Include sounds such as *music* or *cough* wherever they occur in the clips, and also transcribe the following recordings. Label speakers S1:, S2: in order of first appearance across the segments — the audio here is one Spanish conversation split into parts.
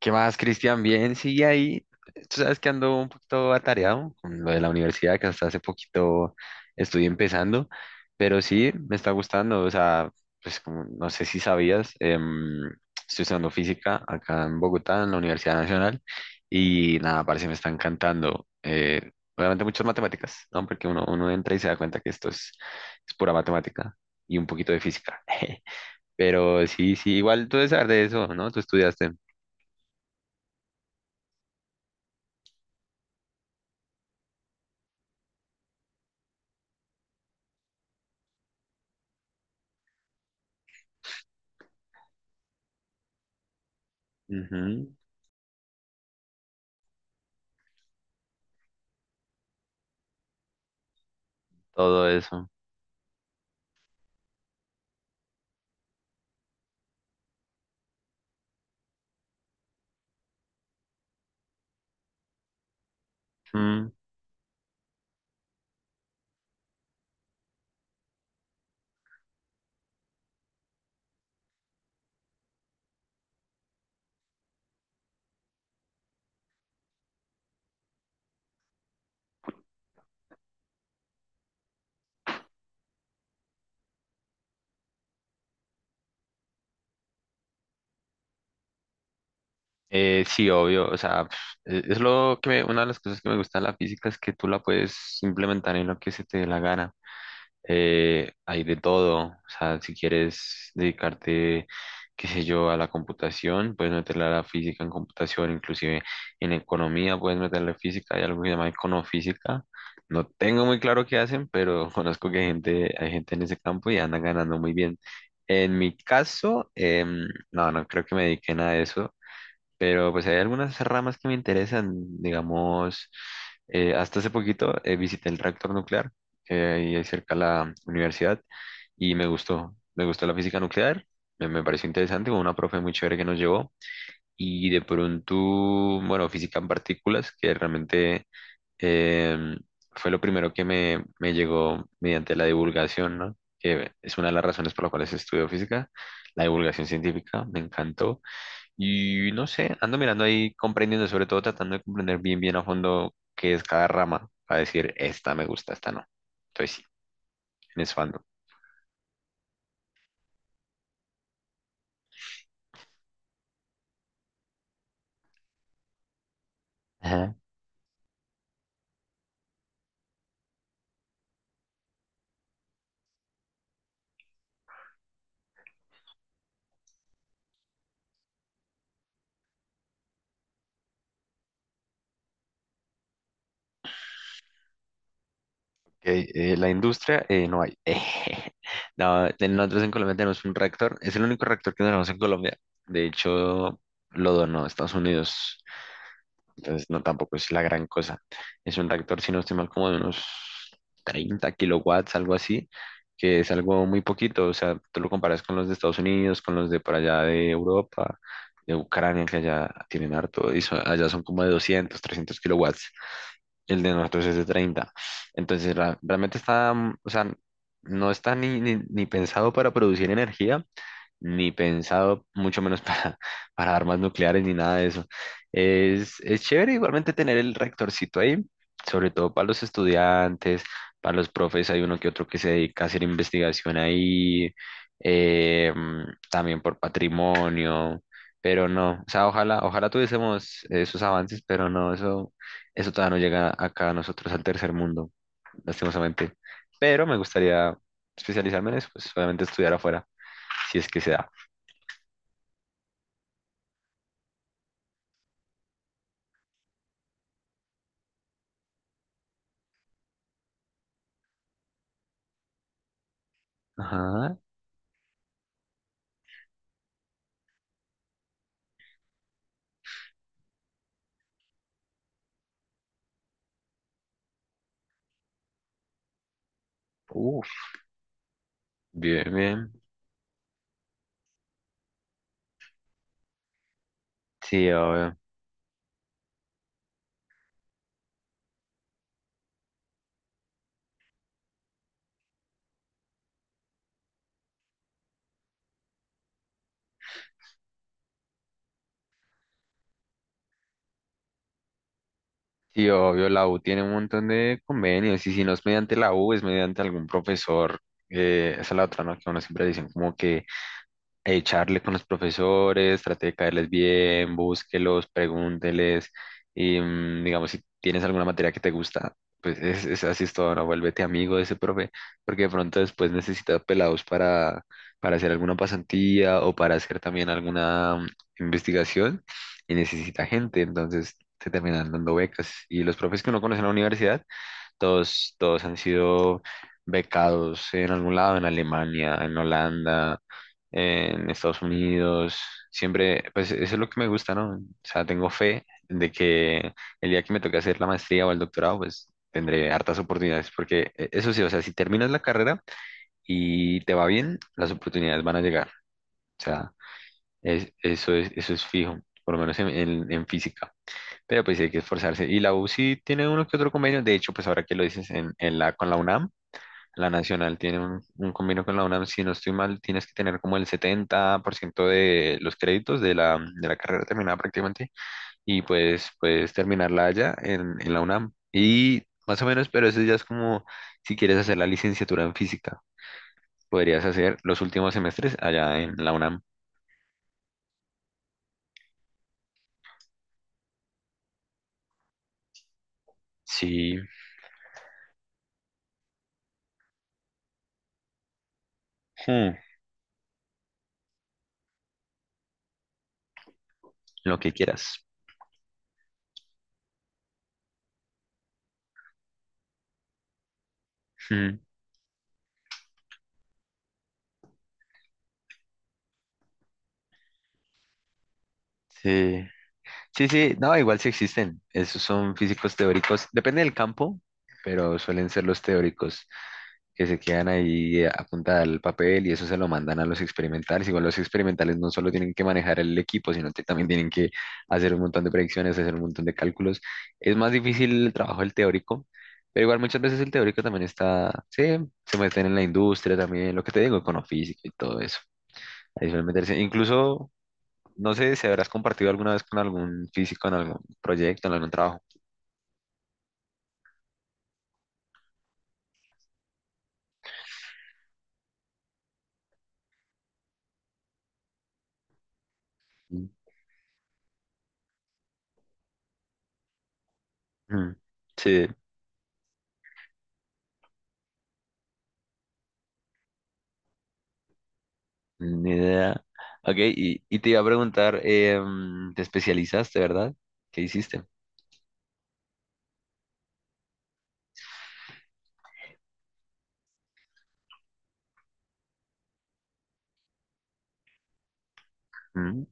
S1: ¿Qué más, Cristian? Bien, sigue ahí. Tú sabes que ando un poquito atareado con lo de la universidad, que hasta hace poquito estoy empezando, pero sí, me está gustando. O sea, pues como no sé si sabías, estoy estudiando física acá en Bogotá, en la Universidad Nacional, y nada, parece me está encantando. Obviamente muchas matemáticas, ¿no? Porque uno entra y se da cuenta que esto es pura matemática y un poquito de física. *laughs* Pero sí, sí, igual tú debes saber de eso, ¿no? Tú estudiaste. Ujú. Todo eso. Mm, sí, obvio, o sea, es lo que una de las cosas que me gusta de la física es que tú la puedes implementar en lo que se te dé la gana. Hay de todo. O sea, si quieres dedicarte, qué sé yo, a la computación, puedes meterle a la física en computación, inclusive en economía puedes meterle física. Hay algo que se llama econofísica. No tengo muy claro qué hacen, pero *laughs* conozco que hay gente en ese campo y andan ganando muy bien. En mi caso, no, no creo que me dedique a nada de eso. Pero pues hay algunas ramas que me interesan, digamos, hasta hace poquito visité el reactor nuclear, que hay ahí cerca de la universidad, y me gustó la física nuclear, me pareció interesante, con una profe muy chévere que nos llevó, y de pronto, bueno, física en partículas, que realmente em, fue lo primero que me llegó mediante la divulgación, ¿no? Que es una de las razones por las cuales estudio física, la divulgación científica, me encantó. Y no sé, ando mirando ahí, comprendiendo, sobre todo tratando de comprender bien, bien a fondo qué es cada rama, para decir, esta me gusta, esta no. Entonces sí, en eso ando. Ajá. Ok, la industria no hay. *laughs* No, nosotros en Colombia tenemos un rector, es el único rector que tenemos en Colombia. De hecho, lo donó a Estados Unidos. Entonces, no, tampoco es la gran cosa. Es un reactor, si no estoy mal, como de unos 30 kilowatts, algo así, que es algo muy poquito. O sea, tú lo comparas con los de Estados Unidos, con los de por allá de Europa, de Ucrania, que allá tienen harto, allá son como de 200 300 kilowatts. El de nosotros es de 30. Entonces, realmente está, o sea, no está ni pensado para producir energía, ni pensado, mucho menos para, *laughs* para armas nucleares ni nada de eso. Es chévere igualmente tener el rectorcito ahí, sobre todo para los estudiantes, para los profes, hay uno que otro que se dedica a hacer investigación ahí, eh, también por patrimonio, pero no, o sea, ojalá, ojalá tuviésemos esos avances, pero no, eso todavía no llega acá a nosotros al tercer mundo, lastimosamente. Pero me gustaría especializarme en eso, pues obviamente estudiar afuera, si es que se da. Ajá. Uf, bien, bien. Sí, obvio. Sí, obvio, la U tiene un montón de convenios y si no es mediante la U, es mediante algún profesor. Esa es la otra, ¿no? Que uno siempre dicen como que charle con los profesores, trate de caerles bien, búsquelos, pregúnteles y digamos si tienes alguna materia que te gusta, pues es así es todo, ¿no? Vuélvete amigo de ese profe, porque de pronto después necesitas pelados para hacer alguna pasantía o para hacer también alguna investigación y necesita gente, entonces te terminan dando becas y los profes que uno conoce en la universidad todos, todos han sido becados en algún lado, en Alemania, en Holanda, en Estados Unidos. Siempre, pues eso es lo que me gusta, ¿no? O sea, tengo fe de que el día que me toque hacer la maestría o el doctorado, pues tendré hartas oportunidades, porque eso sí, o sea, si terminas la carrera y te va bien, las oportunidades van a llegar. O sea, eso es fijo, por lo menos en física. Pero pues sí hay que esforzarse. Y la U sí tiene uno que otro convenio. De hecho, pues ahora que lo dices con la UNAM, la Nacional tiene un convenio con la UNAM. Si no estoy mal, tienes que tener como el 70% de los créditos de la carrera terminada prácticamente. Y pues puedes terminarla allá en la UNAM. Y más o menos, pero eso ya es como si quieres hacer la licenciatura en física. Podrías hacer los últimos semestres allá en la UNAM. Sí, Hmm, lo que quieras. Hmm, Sí. Sí, sí, no, igual sí existen. Esos son físicos teóricos. Depende del campo, pero suelen ser los teóricos que se quedan ahí a punta al papel y eso se lo mandan a los experimentales. Igual los experimentales no solo tienen que manejar el equipo, sino que también tienen que hacer un montón de predicciones, hacer un montón de cálculos. Es más difícil el trabajo del teórico, pero igual muchas veces el teórico también está, sí, se meten en la industria también, lo que te digo, econofísica y todo eso. Ahí suelen meterse. Incluso no sé si habrás compartido alguna vez con algún físico en algún proyecto, en algún trabajo. Mm, sí, ni idea. Ok, y te iba a preguntar, ¿te especializaste, verdad? ¿Qué hiciste? Mm,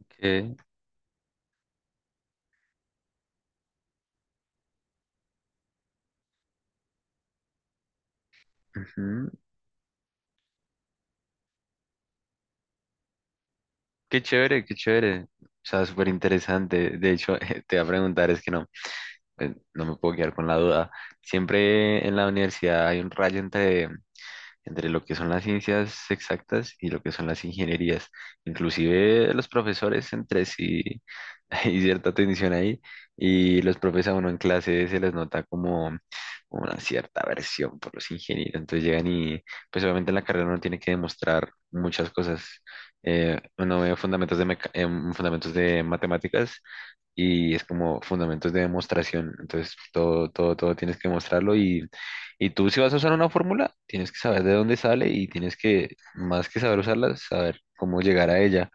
S1: ok, ujú. Qué chévere, qué chévere. O sea, súper interesante. De hecho, *laughs* te voy a preguntar, es que no, no me puedo quedar con la duda. Siempre en la universidad hay un rayo entre lo que son las ciencias exactas y lo que son las ingenierías. Inclusive los profesores entre sí *laughs* hay cierta tensión ahí y los profes a uno en clase se les nota como una cierta aversión por los ingenieros. Entonces llegan y pues obviamente en la carrera uno tiene que demostrar muchas cosas. Uno ve fundamentos de matemáticas y es como fundamentos de demostración. Entonces, todo, todo, todo tienes que mostrarlo y tú si vas a usar una fórmula, tienes que saber de dónde sale y tienes que, más que saber usarla, saber cómo llegar a ella.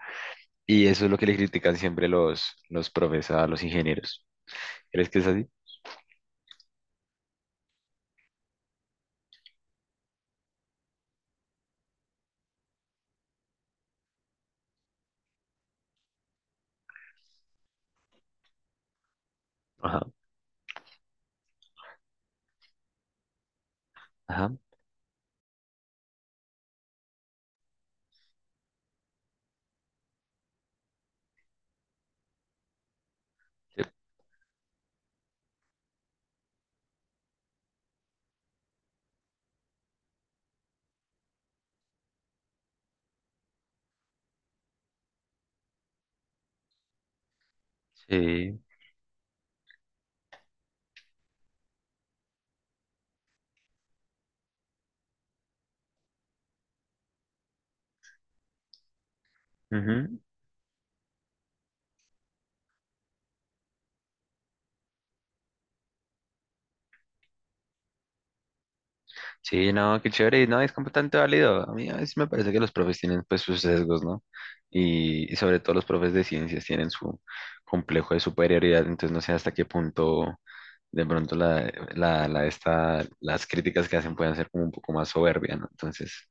S1: Y eso es lo que le critican siempre los profes a los ingenieros. ¿Crees que es así? Ajá, ajá. Sí. sí, Ujú. Sí, no, qué chévere, no, es completamente válido. A mí a veces me parece que los profes tienen pues sus sesgos, ¿no? Y sobre todo los profes de ciencias tienen su complejo de superioridad, entonces no sé hasta qué punto de pronto las críticas que hacen pueden ser como un poco más soberbia, ¿no? Entonces,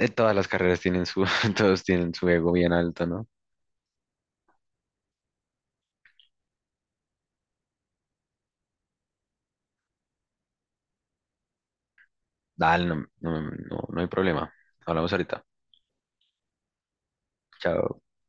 S1: todas las carreras tienen su, *laughs* todos tienen su ego bien alto, ¿no? Dale, no, no, no, no hay problema. Hablamos ahorita. Chao.